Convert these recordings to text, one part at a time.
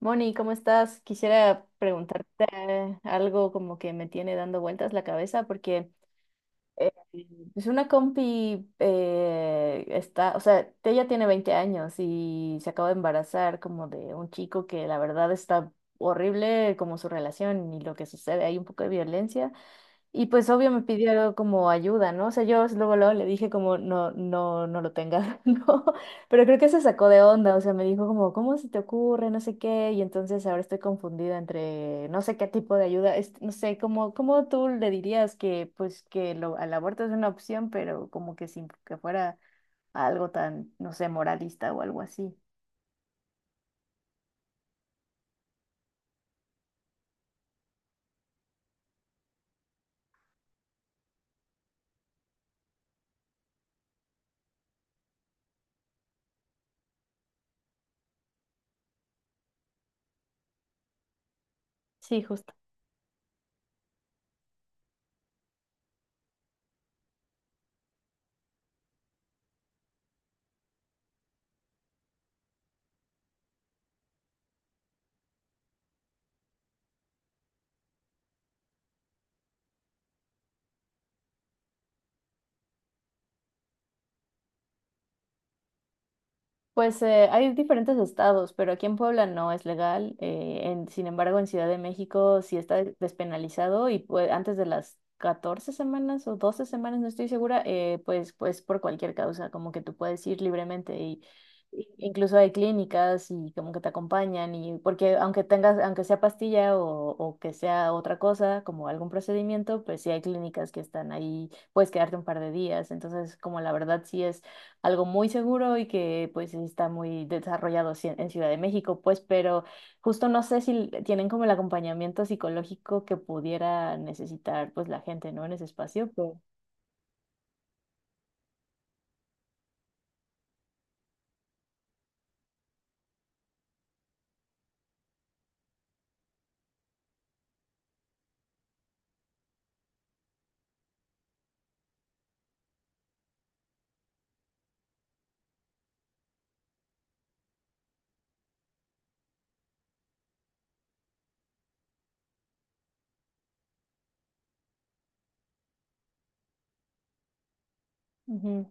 Moni, ¿cómo estás? Quisiera preguntarte algo como que me tiene dando vueltas la cabeza porque eh, pues una compi está, o sea, ella tiene 20 años y se acaba de embarazar como de un chico que la verdad está horrible como su relación y lo que sucede, hay un poco de violencia. Y pues obvio me pidió como ayuda, ¿no? O sea, yo luego le dije como, no, no, no lo tengas, ¿no? Pero creo que se sacó de onda, o sea, me dijo como, ¿cómo se te ocurre? No sé qué, y entonces ahora estoy confundida entre no sé qué tipo de ayuda, no sé, como, ¿cómo tú le dirías que, pues, al aborto es una opción, pero como que sin que fuera algo tan, no sé, ¿moralista o algo así? Sí, justo. Pues hay diferentes estados, pero aquí en Puebla no es legal. Sin embargo, en Ciudad de México sí está despenalizado y pues, antes de las 14 semanas o 12 semanas, no estoy segura, pues, pues por cualquier causa, como que tú puedes ir libremente y incluso hay clínicas y como que te acompañan y porque aunque tengas, aunque sea pastilla o que sea otra cosa, como algún procedimiento, pues sí hay clínicas que están ahí, puedes quedarte un par de días. Entonces, como la verdad sí es algo muy seguro y que pues sí está muy desarrollado en Ciudad de México, pues, pero justo no sé si tienen como el acompañamiento psicológico que pudiera necesitar pues la gente, ¿no? En ese espacio, pero ujú,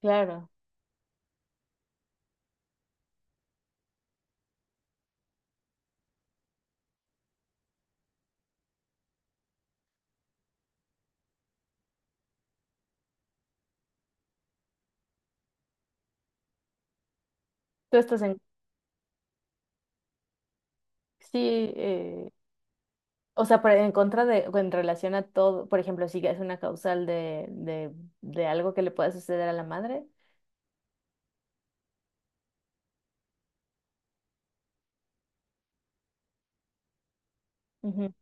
claro. Tú estás en, sí, o sea, pero en contra de, o en relación a todo, por ejemplo, si es una causal de algo que le pueda suceder a la madre. Ujú.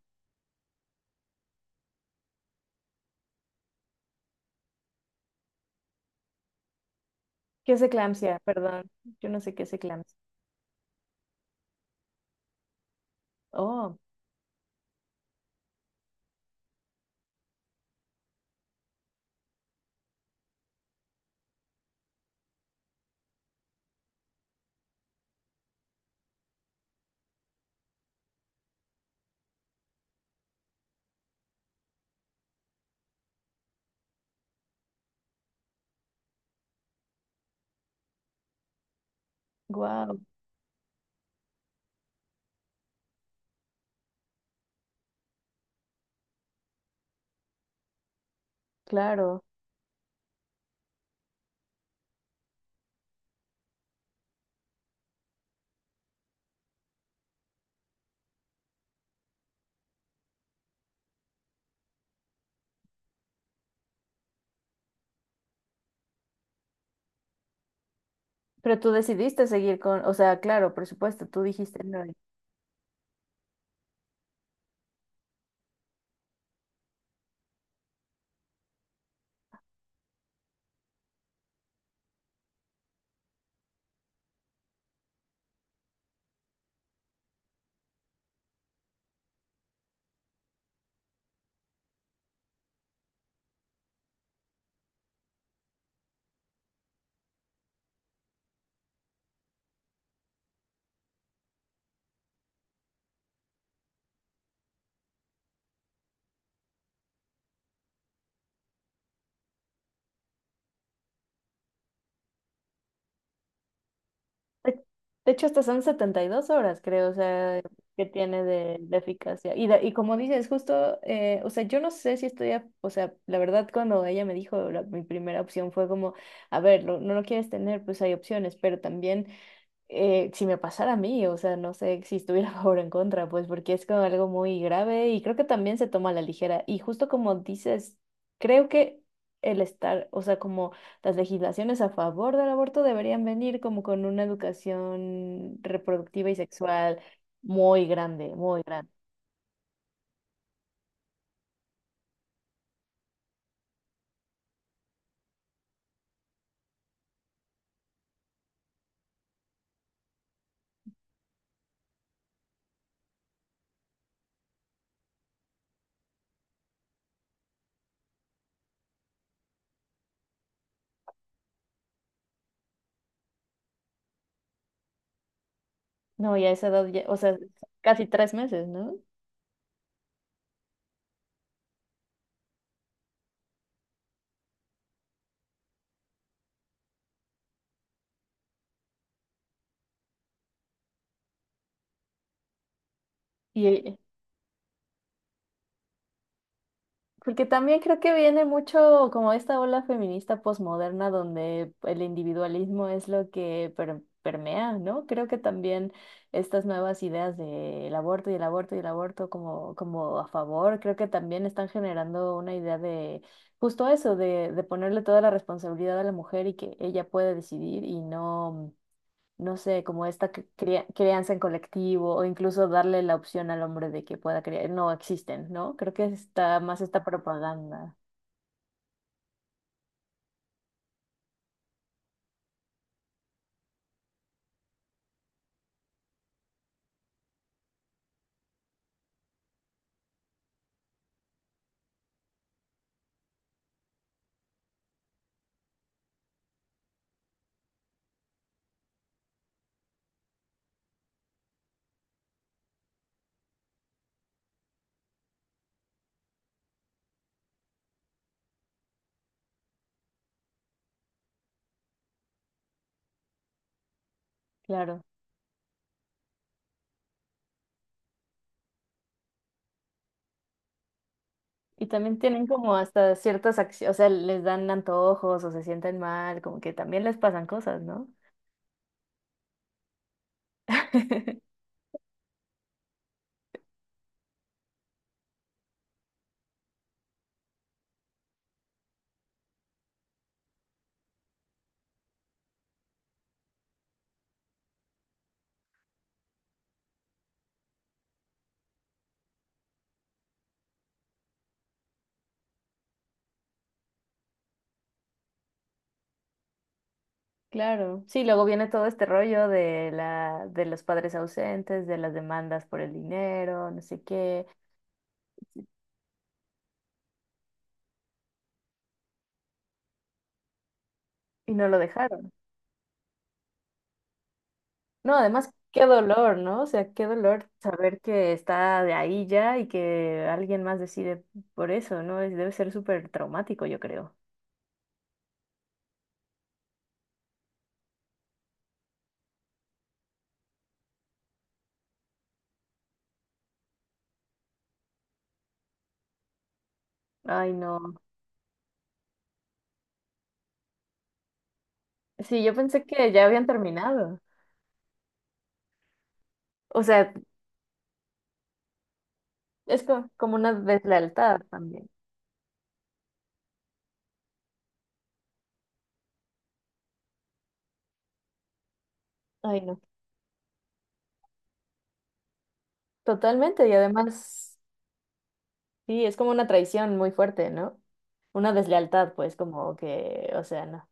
¿Qué es eclampsia? Perdón, yo no sé qué es eclampsia. Oh, wow, claro. Pero tú decidiste seguir con, o sea, claro, por supuesto, tú dijiste no. De, de hecho, hasta son 72 horas, creo, o sea, que tiene de eficacia. Y como dices, justo, o sea, yo no sé si estoy, o sea, la verdad, cuando ella me dijo, mi primera opción fue como, a ver, no lo quieres tener, pues hay opciones, pero también si me pasara a mí, o sea, no sé si estuviera a favor o en contra, pues porque es como algo muy grave y creo que también se toma a la ligera. Y justo como dices, creo que el estar, o sea, como las legislaciones a favor del aborto deberían venir como con una educación reproductiva y sexual muy grande, muy grande. No, y a esa edad, o sea, casi 3 meses, ¿no? Y, porque también creo que viene mucho como esta ola feminista posmoderna donde el individualismo es lo que permea, ¿no? Creo que también estas nuevas ideas del aborto y el aborto y el aborto como, como a favor, creo que también están generando una idea de justo eso, de ponerle toda la responsabilidad a la mujer y que ella puede decidir y no, no sé, como esta crianza en colectivo o incluso darle la opción al hombre de que pueda criar, no existen, ¿no? Creo que está más esta propaganda, claro. Y también tienen como hasta ciertas acciones, o sea, les dan antojos o se sienten mal, como que también les pasan cosas, ¿no? Claro, sí, luego viene todo este rollo de los padres ausentes, de las demandas por el dinero, no sé qué, y no lo dejaron. No, además, qué dolor, ¿no? O sea, qué dolor saber que está de ahí ya y que alguien más decide por eso, ¿no? Debe ser súper traumático, yo creo. Ay, no. Sí, yo pensé que ya habían terminado. O sea, es como una deslealtad también. Ay, no. Totalmente. Y además, sí, es como una traición muy fuerte, ¿no? Una deslealtad, pues, como que, o sea, no.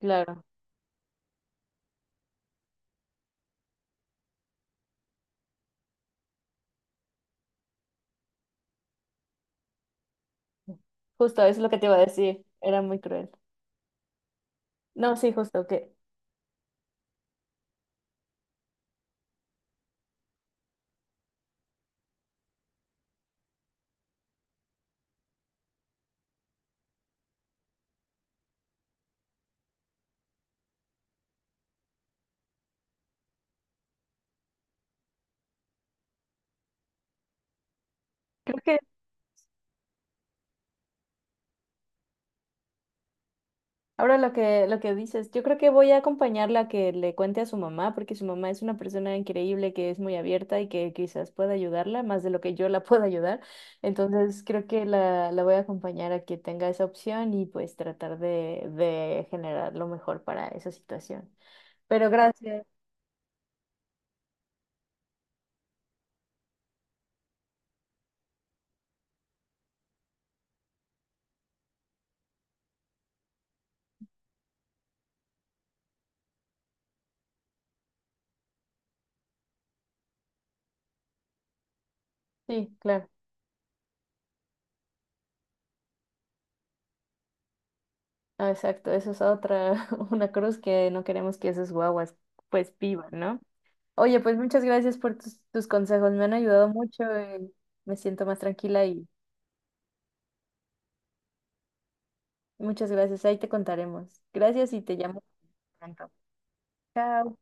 Claro. Justo, eso es lo que te iba a decir. Era muy cruel. No, sí, justo, que creo que, ahora lo que dices, yo creo que voy a acompañarla a que le cuente a su mamá, porque su mamá es una persona increíble que es muy abierta y que quizás pueda ayudarla más de lo que yo la pueda ayudar. Entonces creo que la voy a acompañar a que tenga esa opción y pues tratar de generar lo mejor para esa situación. Pero gracias. Sí, claro. Ah, exacto, eso es otra, una cruz que no queremos que esas guaguas pues vivan, ¿no? Oye, pues muchas gracias por tus, tus consejos, me han ayudado mucho. Me siento más tranquila y muchas gracias, ahí te contaremos. Gracias y te llamo pronto. Chao.